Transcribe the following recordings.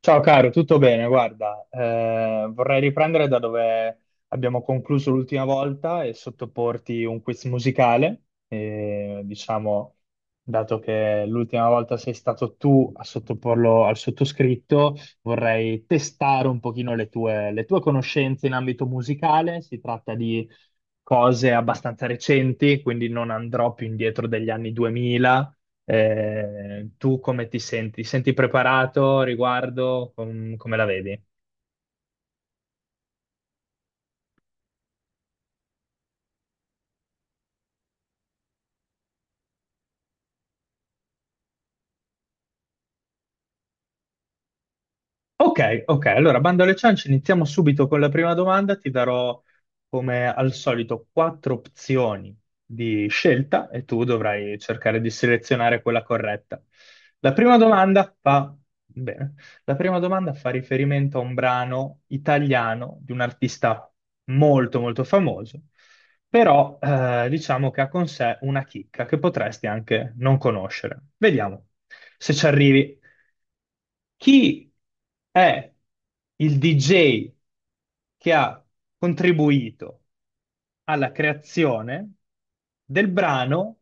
Ciao caro, tutto bene? Guarda, vorrei riprendere da dove abbiamo concluso l'ultima volta e sottoporti un quiz musicale. E, diciamo, dato che l'ultima volta sei stato tu a sottoporlo al sottoscritto, vorrei testare un pochino le tue conoscenze in ambito musicale. Si tratta di cose abbastanza recenti, quindi non andrò più indietro degli anni 2000. Tu come ti senti? Ti senti preparato riguardo? Come la vedi? Ok, ok, allora bando alle ciance, iniziamo subito con la prima domanda. Ti darò, come al solito, quattro opzioni di scelta e tu dovrai cercare di selezionare quella corretta. La prima domanda fa, bene, la prima domanda fa riferimento a un brano italiano di un artista molto molto famoso, però diciamo che ha con sé una chicca che potresti anche non conoscere. Vediamo se ci arrivi. Chi è il DJ che ha contribuito alla creazione del brano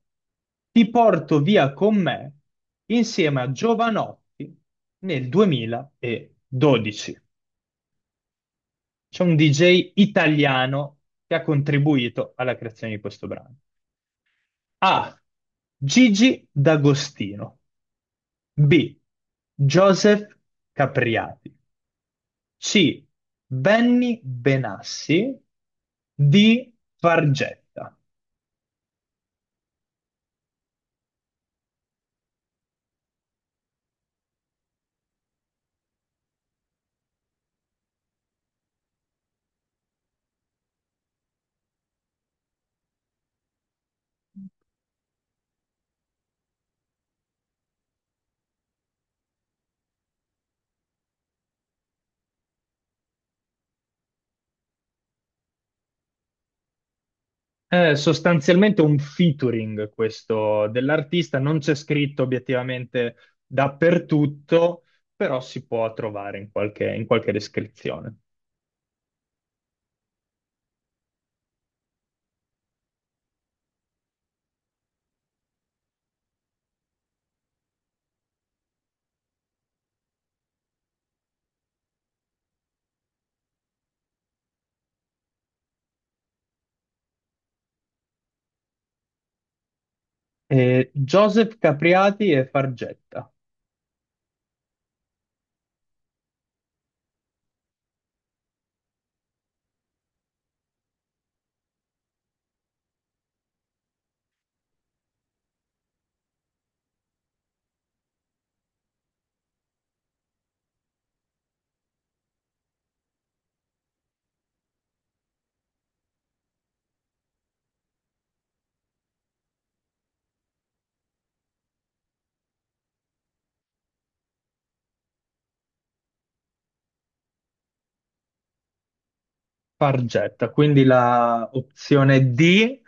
Ti porto via con me insieme a Giovanotti nel 2012. C'è un DJ italiano che ha contribuito alla creazione di questo brano. A. Gigi D'Agostino. B. Joseph Capriati. C. Benny Benassi di Fargetta. È sostanzialmente un featuring questo dell'artista, non c'è scritto obiettivamente dappertutto, però si può trovare in qualche descrizione. Joseph Capriati e Fargetta. Fargetta, quindi la opzione D,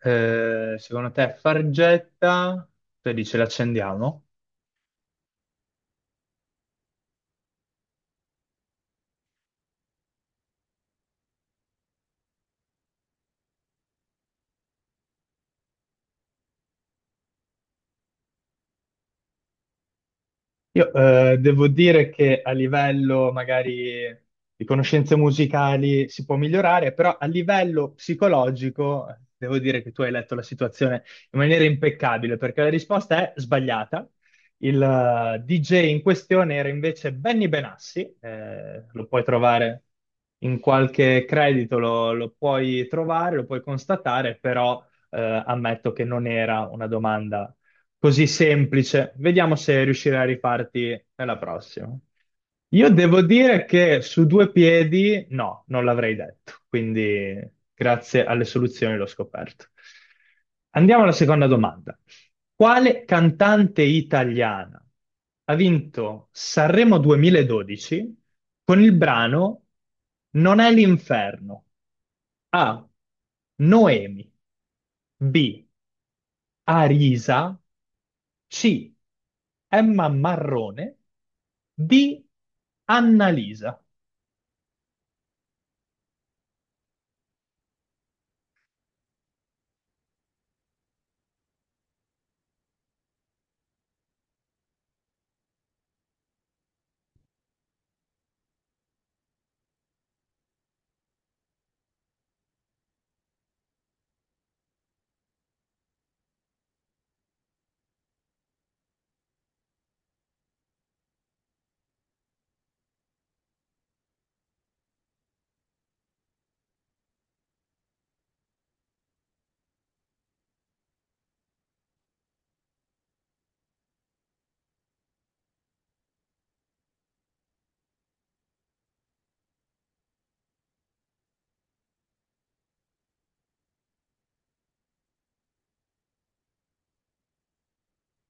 secondo te è Fargetta, te dici l'accendiamo? Io devo dire che a livello magari di conoscenze musicali si può migliorare, però a livello psicologico devo dire che tu hai letto la situazione in maniera impeccabile, perché la risposta è sbagliata. Il DJ in questione era invece Benny Benassi, lo puoi trovare in qualche credito, lo puoi trovare, lo puoi constatare, però eh, ammetto che non era una domanda così semplice. Vediamo se riuscirai a rifarti nella prossima. Io devo dire che su due piedi no, non l'avrei detto, quindi grazie alle soluzioni l'ho scoperto. Andiamo alla seconda domanda. Quale cantante italiana ha vinto Sanremo 2012 con il brano Non è l'inferno? A. Noemi. B. Arisa. C. Emma Marrone. D. Annalisa.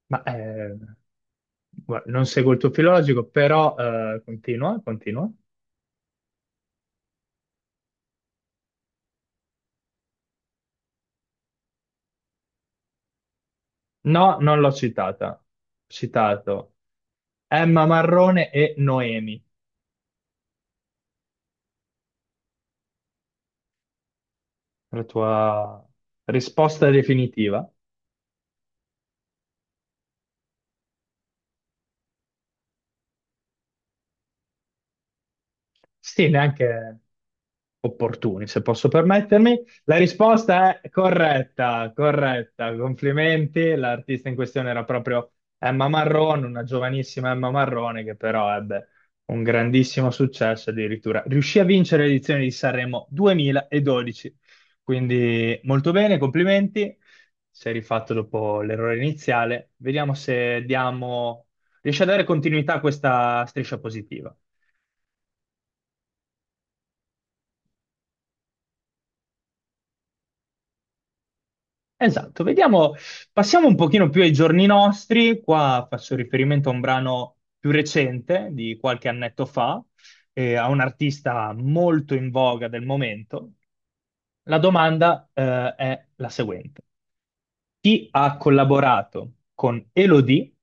Ma guarda, non seguo il tuo filologico, però continua, continua. No, non l'ho citata. Citato Emma Marrone e Noemi. La tua risposta definitiva. Sì, neanche opportuni, se posso permettermi. La risposta è corretta, corretta. Complimenti. L'artista in questione era proprio Emma Marrone, una giovanissima Emma Marrone che però ebbe un grandissimo successo, addirittura riuscì a vincere l'edizione di Sanremo 2012. Quindi molto bene, complimenti. Sei rifatto dopo l'errore iniziale. Vediamo se diamo... riesci a dare continuità a questa striscia positiva. Esatto, vediamo, passiamo un pochino più ai giorni nostri, qua faccio riferimento a un brano più recente di qualche annetto fa, a un artista molto in voga del momento. La domanda, è la seguente. Chi ha collaborato con Elodie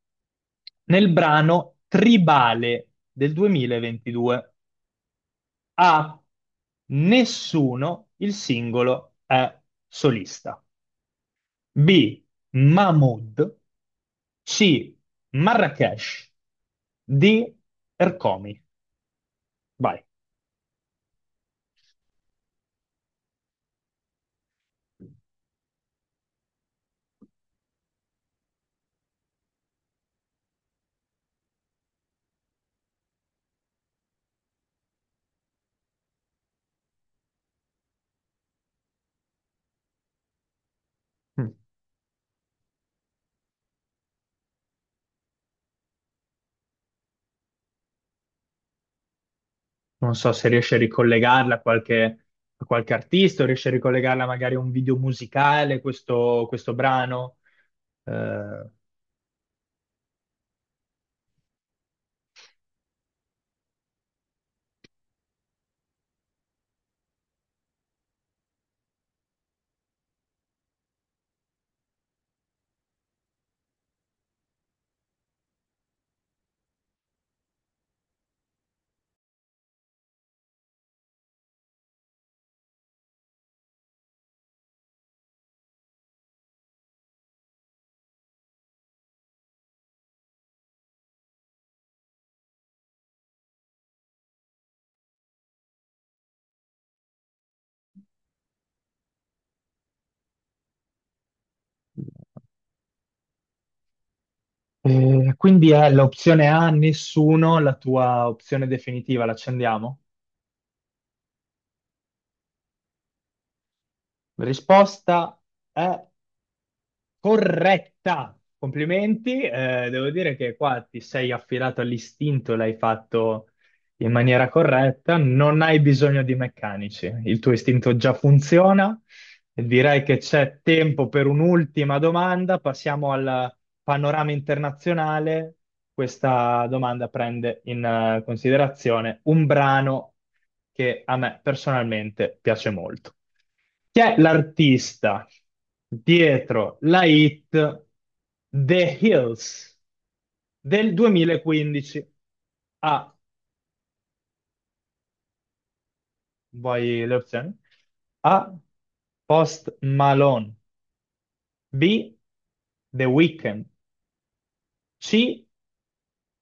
nel brano Tribale del 2022? A. Nessuno, il singolo è solista. B. Mahmood. C. Marrakesh. D. Ercomi. Vai. Mm. Non so se riesci a ricollegarla a a qualche artista o riesci a ricollegarla magari a un video musicale, questo brano. Eh, quindi è l'opzione A, nessuno, la tua opzione definitiva, l'accendiamo? Risposta è corretta! Complimenti, devo dire che qua ti sei affidato all'istinto, l'hai fatto in maniera corretta, non hai bisogno di meccanici, il tuo istinto già funziona. Direi che c'è tempo per un'ultima domanda. Passiamo al panorama internazionale. Questa domanda prende in considerazione un brano che a me personalmente piace molto. Chi è l'artista dietro la hit The Hills del 2015? A, vuoi le opzioni? A, Post Malone. B. The Weeknd. C.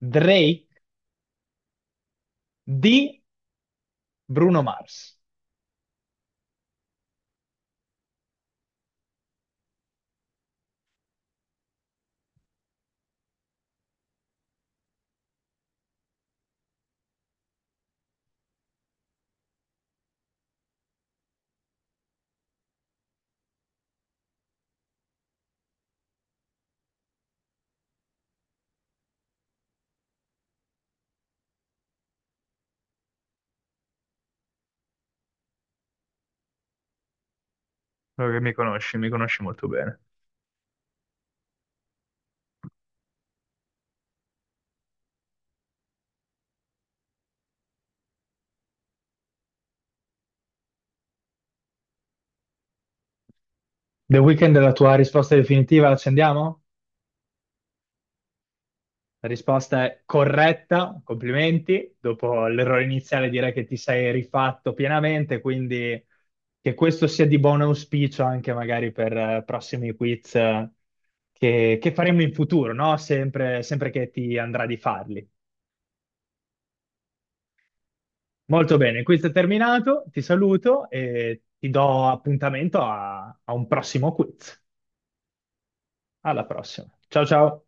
Drake. D. Bruno Mars. So che mi conosci molto bene. The Weeknd è la tua risposta definitiva, l'accendiamo? La risposta è corretta, complimenti. Dopo l'errore iniziale direi che ti sei rifatto pienamente, quindi che questo sia di buon auspicio anche magari per prossimi quiz che faremo in futuro, no? Sempre, sempre che ti andrà di farli. Molto bene, questo è terminato, ti saluto e ti do appuntamento a un prossimo quiz. Alla prossima. Ciao ciao.